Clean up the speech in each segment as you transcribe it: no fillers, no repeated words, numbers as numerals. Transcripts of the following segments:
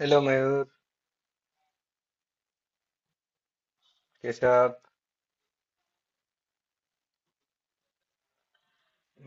Hello Mayur. कैसे हो आप।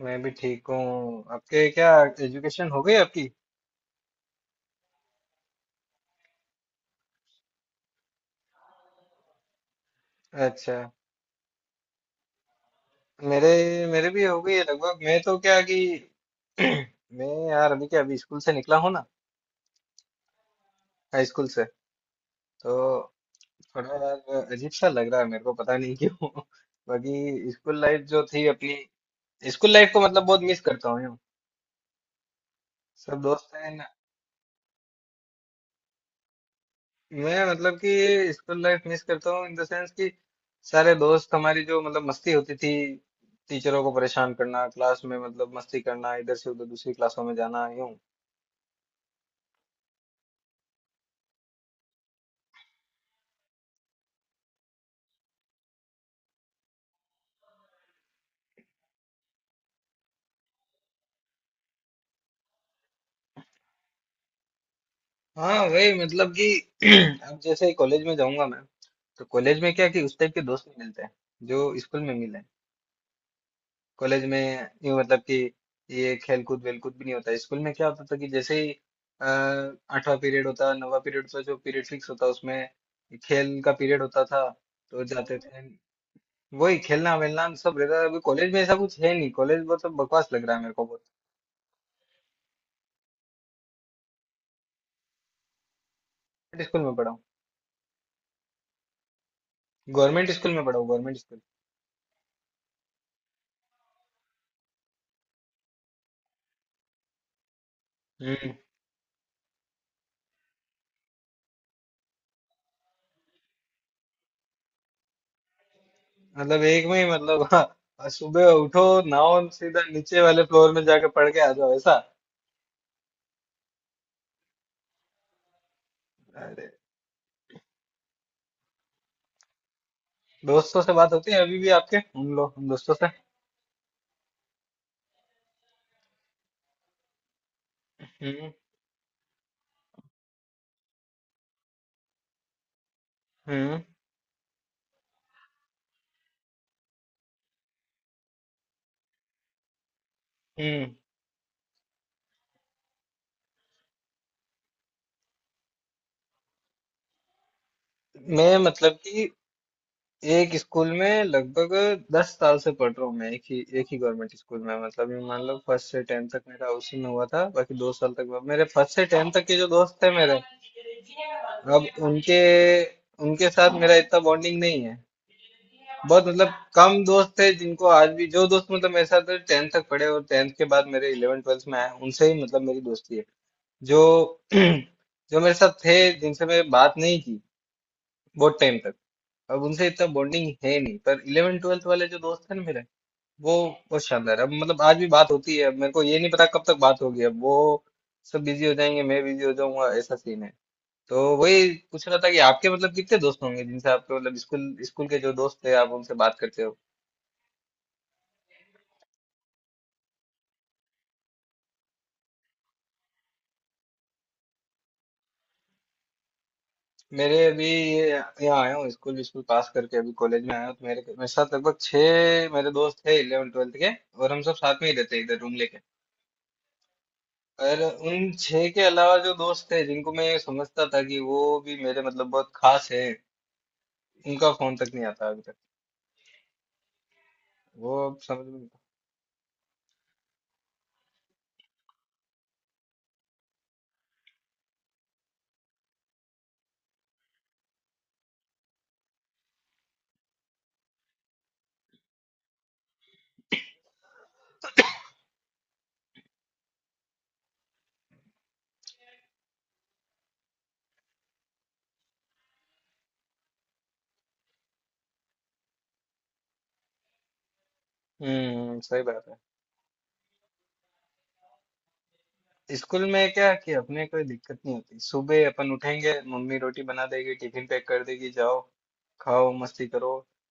मैं भी ठीक हूँ। आपके क्या, एजुकेशन हो गई आपकी। अच्छा। मेरे मेरे भी हो गई है लगभग। मैं तो क्या कि मैं यार अभी क्या, अभी स्कूल से निकला हूँ ना, हाई स्कूल से। तो थोड़ा यार अजीब सा लग रहा है मेरे को, पता नहीं क्यों। बाकी स्कूल लाइफ जो थी अपनी, स्कूल लाइफ को मतलब बहुत मिस करता हूँ यूँ। सब दोस्त हैं। मैं मतलब कि स्कूल लाइफ मिस करता हूँ इन द सेंस कि सारे दोस्त, हमारी जो मतलब मस्ती होती थी, टीचरों को परेशान करना क्लास में, मतलब मस्ती करना, इधर से उधर दूसरी क्लासों में जाना यूं। हाँ, वही मतलब कि अब जैसे ही कॉलेज में जाऊंगा मैं, तो कॉलेज में क्या कि उस टाइप के दोस्त नहीं मिलते हैं, जो स्कूल में मिले। कॉलेज में यूं मतलब कि ये खेलकूद वेलकूद भी नहीं होता। स्कूल में क्या होता था कि जैसे ही अ, 8वां पीरियड होता, 9वां पीरियड होता, जो पीरियड फिक्स होता उसमें खेल का पीरियड होता था, तो जाते थे। वही खेलना वेलना सब रहता था। अभी कॉलेज में ऐसा कुछ है नहीं, कॉलेज बहुत सब बकवास लग रहा है मेरे को, बहुत। स्कूल में पढ़ा हूँ, गवर्नमेंट स्कूल में पढ़ा हूँ, गवर्नमेंट स्कूल। हम्म। मतलब एक में ही मतलब, हाँ, सुबह उठो नाओ सीधा नीचे वाले फ्लोर में जाके पढ़ के आ जाओ, ऐसा। अरे, दोस्तों से बात होती है अभी भी आपके उन दोस्तों से। हम्म, हम्म, हम्म। मैं मतलब कि एक स्कूल में लगभग 10 साल से पढ़ रहा हूँ मैं, एक ही गवर्नमेंट स्कूल में। मतलब ये मान लो फर्स्ट से टेंथ तक मेरा उसी में हुआ था, बाकी 2 साल तक हुआ। मेरे फर्स्ट से टेंथ तक के जो दोस्त थे मेरे, अब उनके उनके साथ मेरा इतना बॉन्डिंग नहीं है। बहुत मतलब कम दोस्त थे जिनको आज भी, जो दोस्त मतलब मेरे साथ टेंथ तक पढ़े और टेंथ के बाद मेरे इलेवन ट्वेल्थ में आए, उनसे ही मतलब मेरी दोस्ती है। जो जो मेरे साथ थे जिनसे मैं बात नहीं की बहुत टाइम तक, अब उनसे इतना बॉन्डिंग है नहीं। पर इलेवन ट्वेल्थ वाले जो दोस्त हैं ना मेरे, वो बहुत शानदार है। अब मतलब आज भी बात होती है। अब मेरे को ये नहीं पता कब तक बात होगी, अब वो सब बिजी हो जाएंगे, मैं बिजी हो जाऊंगा, ऐसा सीन है। तो वही पूछ रहा था कि आपके मतलब कितने दोस्त होंगे जिनसे आपके मतलब स्कूल स्कूल के जो दोस्त थे, आप उनसे बात करते हो। मेरे अभी ये, यहाँ आया हूँ स्कूल स्कूल पास करके, अभी कॉलेज में आया हूँ। तो मेरे मेरे साथ लगभग छह मेरे दोस्त थे इलेवन ट्वेल्थ के, और हम सब साथ में ही रहते हैं इधर रूम लेके। और उन छह के अलावा जो दोस्त थे जिनको मैं ये समझता था कि वो भी मेरे मतलब बहुत खास है, उनका फोन तक नहीं आता अभी तक। वो अब समझ में। हम्म, सही बात है। स्कूल में क्या है कि अपने कोई दिक्कत नहीं होती, सुबह अपन उठेंगे, मम्मी रोटी बना देगी, टिफिन पैक कर देगी, जाओ खाओ मस्ती करो,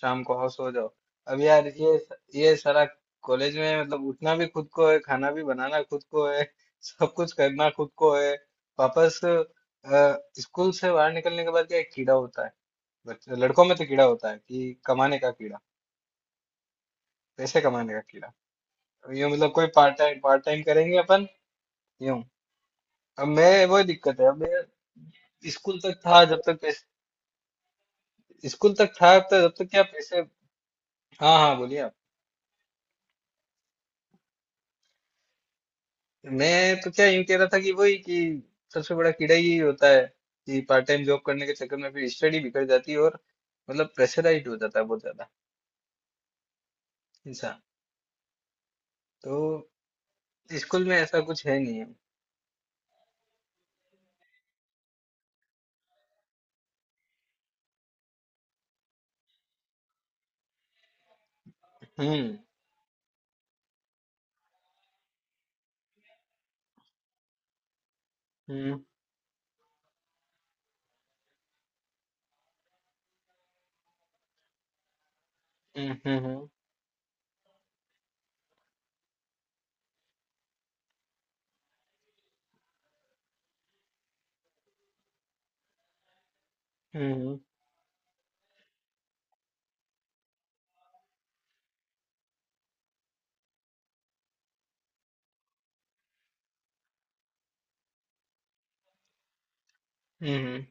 शाम को आओ सो जाओ। अब यार ये सारा कॉलेज में मतलब, उठना भी खुद को है, खाना भी बनाना खुद को है, सब कुछ करना खुद को है। वापस स्कूल से बाहर निकलने के बाद क्या एक कीड़ा होता है, बच्चे लड़कों में तो कीड़ा होता है कि कमाने का कीड़ा, पैसे कमाने का कीड़ा। ये मतलब कोई पार्ट टाइम करेंगे अपन यूं। अब मैं वो दिक्कत है। अब स्कूल तक था जब तक पैसे, स्कूल तक था तो जब तक क्या पैसे। हाँ, हाँ, बोलिए आप। मैं तो क्या यूं कह रहा था कि वही कि सबसे बड़ा कीड़ा यही होता है कि पार्ट टाइम जॉब करने के चक्कर में फिर स्टडी बिगड़ जाती है, और मतलब प्रेशराइज हो जाता है बहुत ज्यादा इंसान। तो स्कूल में ऐसा कुछ है नहीं है। हम्म, हम्म, हम्म, हम्म, हम्म, हम्म, हम्म,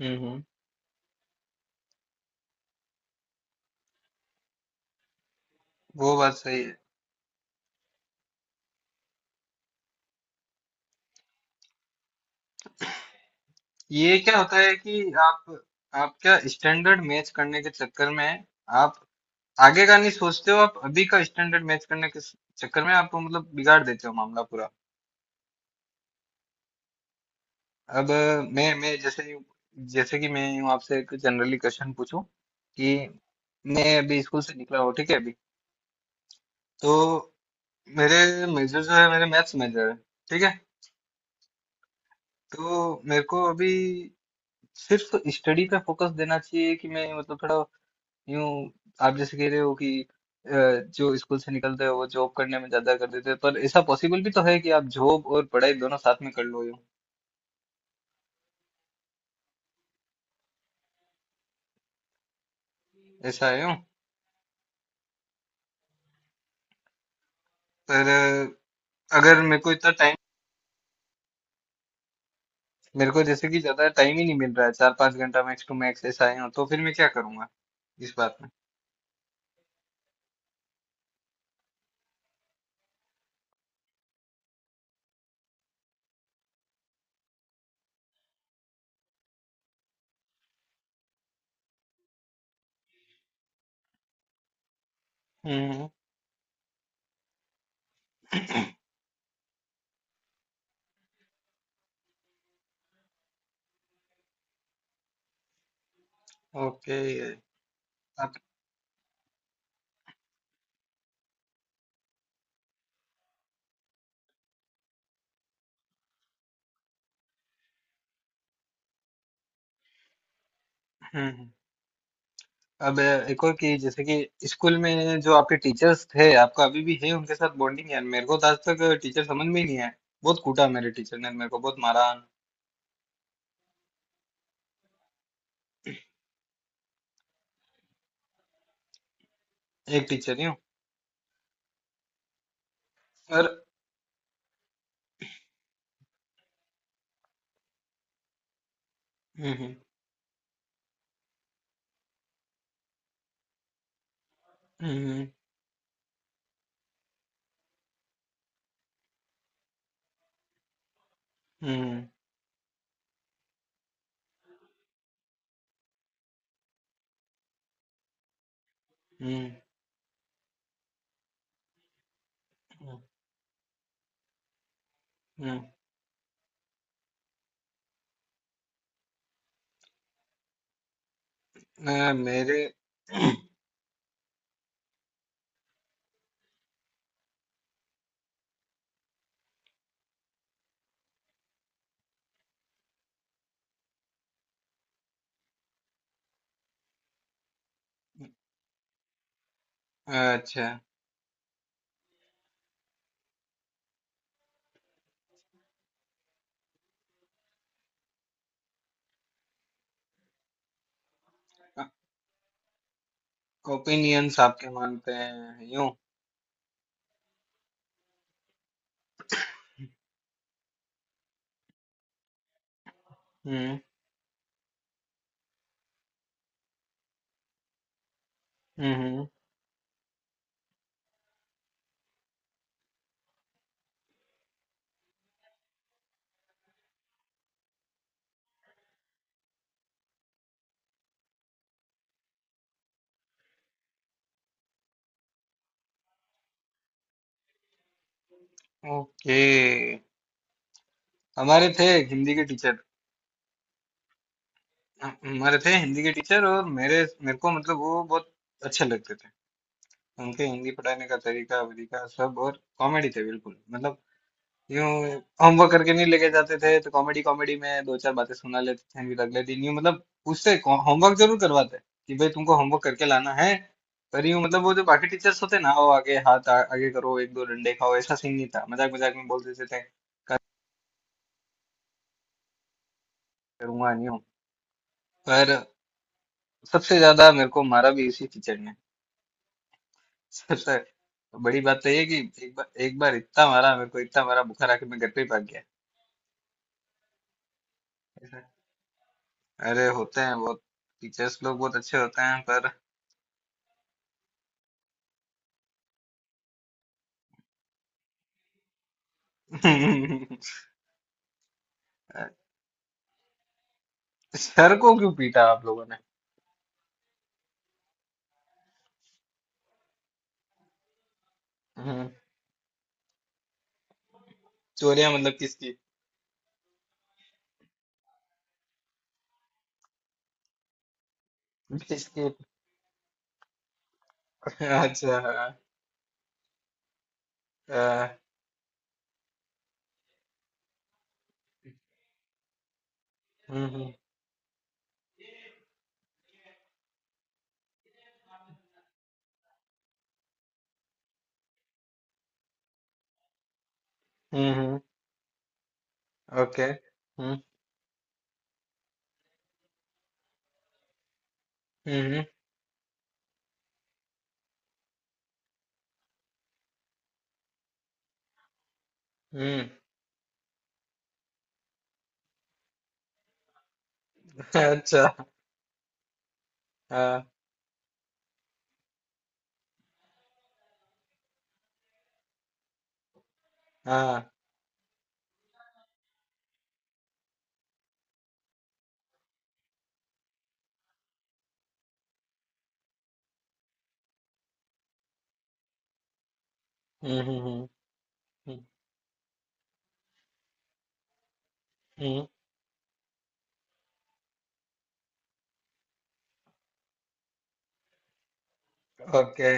हम्म, हम्म, वो बात सही है। ये क्या होता है कि आप क्या स्टैंडर्ड मैच करने के चक्कर में आप आगे का नहीं सोचते हो। आप अभी का स्टैंडर्ड मैच करने के चक्कर में आप मतलब बिगाड़ देते हो मामला पूरा। अब मैं जैसे, जैसे कि मैं हूँ आपसे एक जनरली क्वेश्चन पूछूं कि मैं अभी स्कूल से निकला हूँ ठीक है, अभी। तो मेरे मेजर जो है, मेरे मैथ्स मेजर है ठीक है। तो मेरे को अभी सिर्फ स्टडी पे फोकस देना चाहिए कि मैं मतलब थोड़ा यूं, आप जैसे कह रहे हो कि अ, जो स्कूल से निकलते हो वो जॉब करने में ज्यादा कर देते हो, पर ऐसा पॉसिबल भी तो है कि आप जॉब और पढ़ाई दोनों साथ में कर लो यूं। ऐसा है यूं, पर अगर मेरे को इतना टाइम, मेरे को जैसे कि ज्यादा टाइम ही नहीं मिल रहा है, 4-5 घंटा मैक्स टू मैक्स ऐसा है यूं, तो फिर मैं क्या करूंगा इस बात में। हम्म। ओके। आप। हम्म, अब एक और कि जैसे कि स्कूल में जो आपके टीचर्स थे, आपका अभी भी है उनके साथ बॉन्डिंग? यार मेरे को तो आज तक टीचर समझ में ही नहीं आए। बहुत कूटा मेरे टीचर ने, मेरे को बहुत मारा। एक टीचर ही हूँ और। हम्म, हम्म, हम्म, हम्म, हम्म, हम्म, हम्म, मेरे अच्छा। ओपिनियंस आपके मानते हैं यूं। हम्म, हम्म, ओके। हमारे थे एक हिंदी के टीचर हमारे थे हिंदी के टीचर, और मेरे मेरे को मतलब वो बहुत अच्छे लगते थे। उनके हिंदी पढ़ाने का तरीका वरीका सब, और कॉमेडी थे बिल्कुल मतलब यूं। होमवर्क करके नहीं लेके जाते थे, तो कॉमेडी कॉमेडी में दो चार बातें सुना लेते थे, फिर अगले दिन यूं मतलब उससे होमवर्क जरूर करवाते कि भाई तुमको होमवर्क करके लाना है। पर यूं मतलब वो जो बाकी टीचर्स होते ना, वो आगे हाथ आगे करो एक दो डंडे खाओ ऐसा सीन नहीं था, मजाक मजाक में बोल देते थे करूंगा नहीं हूं। पर सबसे ज्यादा मेरे को मारा भी इसी टीचर ने। सबसे बड़ी बात तो ये कि एक बार इतना मारा मेरे को, इतना मारा बुखार आके मैं घर पे ही भाग गया। अरे होते हैं बहुत, टीचर्स लोग बहुत अच्छे होते हैं पर। सर को क्यों पीटा आप लोगों ने? हम्म, चोरियां मतलब किसकी? किसकी? अच्छा। अ, हम्म, हम्म, हम्म। ओके। हम्म, हम्म, हम्म। अच्छा, हाँ, हाँ। हम्म, हम्म, हम्म, हम्म। ओके।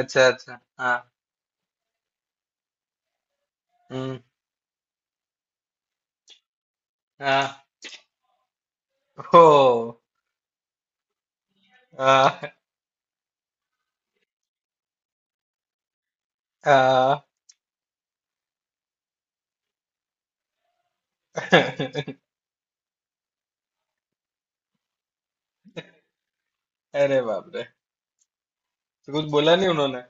अच्छा, अच्छा, हाँ। हम्म, हाँ, हो, आ, आ। अरे बाप रे। तो कुछ बोला नहीं उन्होंने?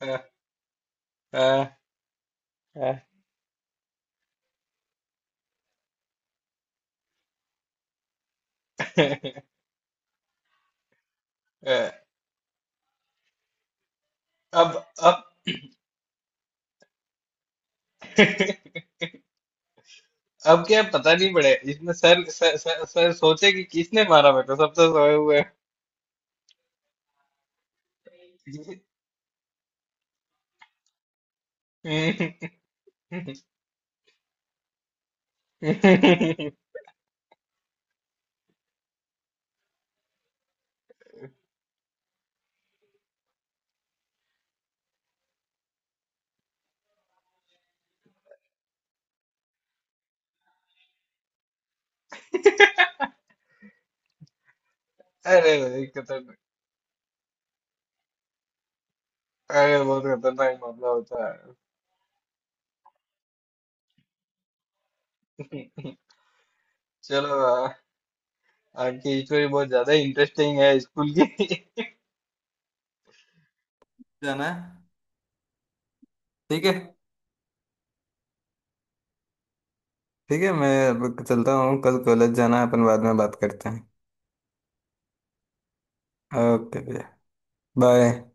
आ, आ, हाँ। अब अब। अब क्या पता नहीं पड़े इसमें, सर, सर, सर, सर सोचे कि किसने मारा मेरे को, सब तो सोए हुए हैं। अरे भाई खतरनाक, अरे बहुत खतरनाक मामला होता है। चलो, आज की स्टोरी बहुत ज्यादा इंटरेस्टिंग है स्कूल की। जाना है। ठीक है। ठीक है, मैं अब चलता हूँ, कल कॉलेज जाना है, अपन बाद में बात करते हैं। ओके भैया, बाय।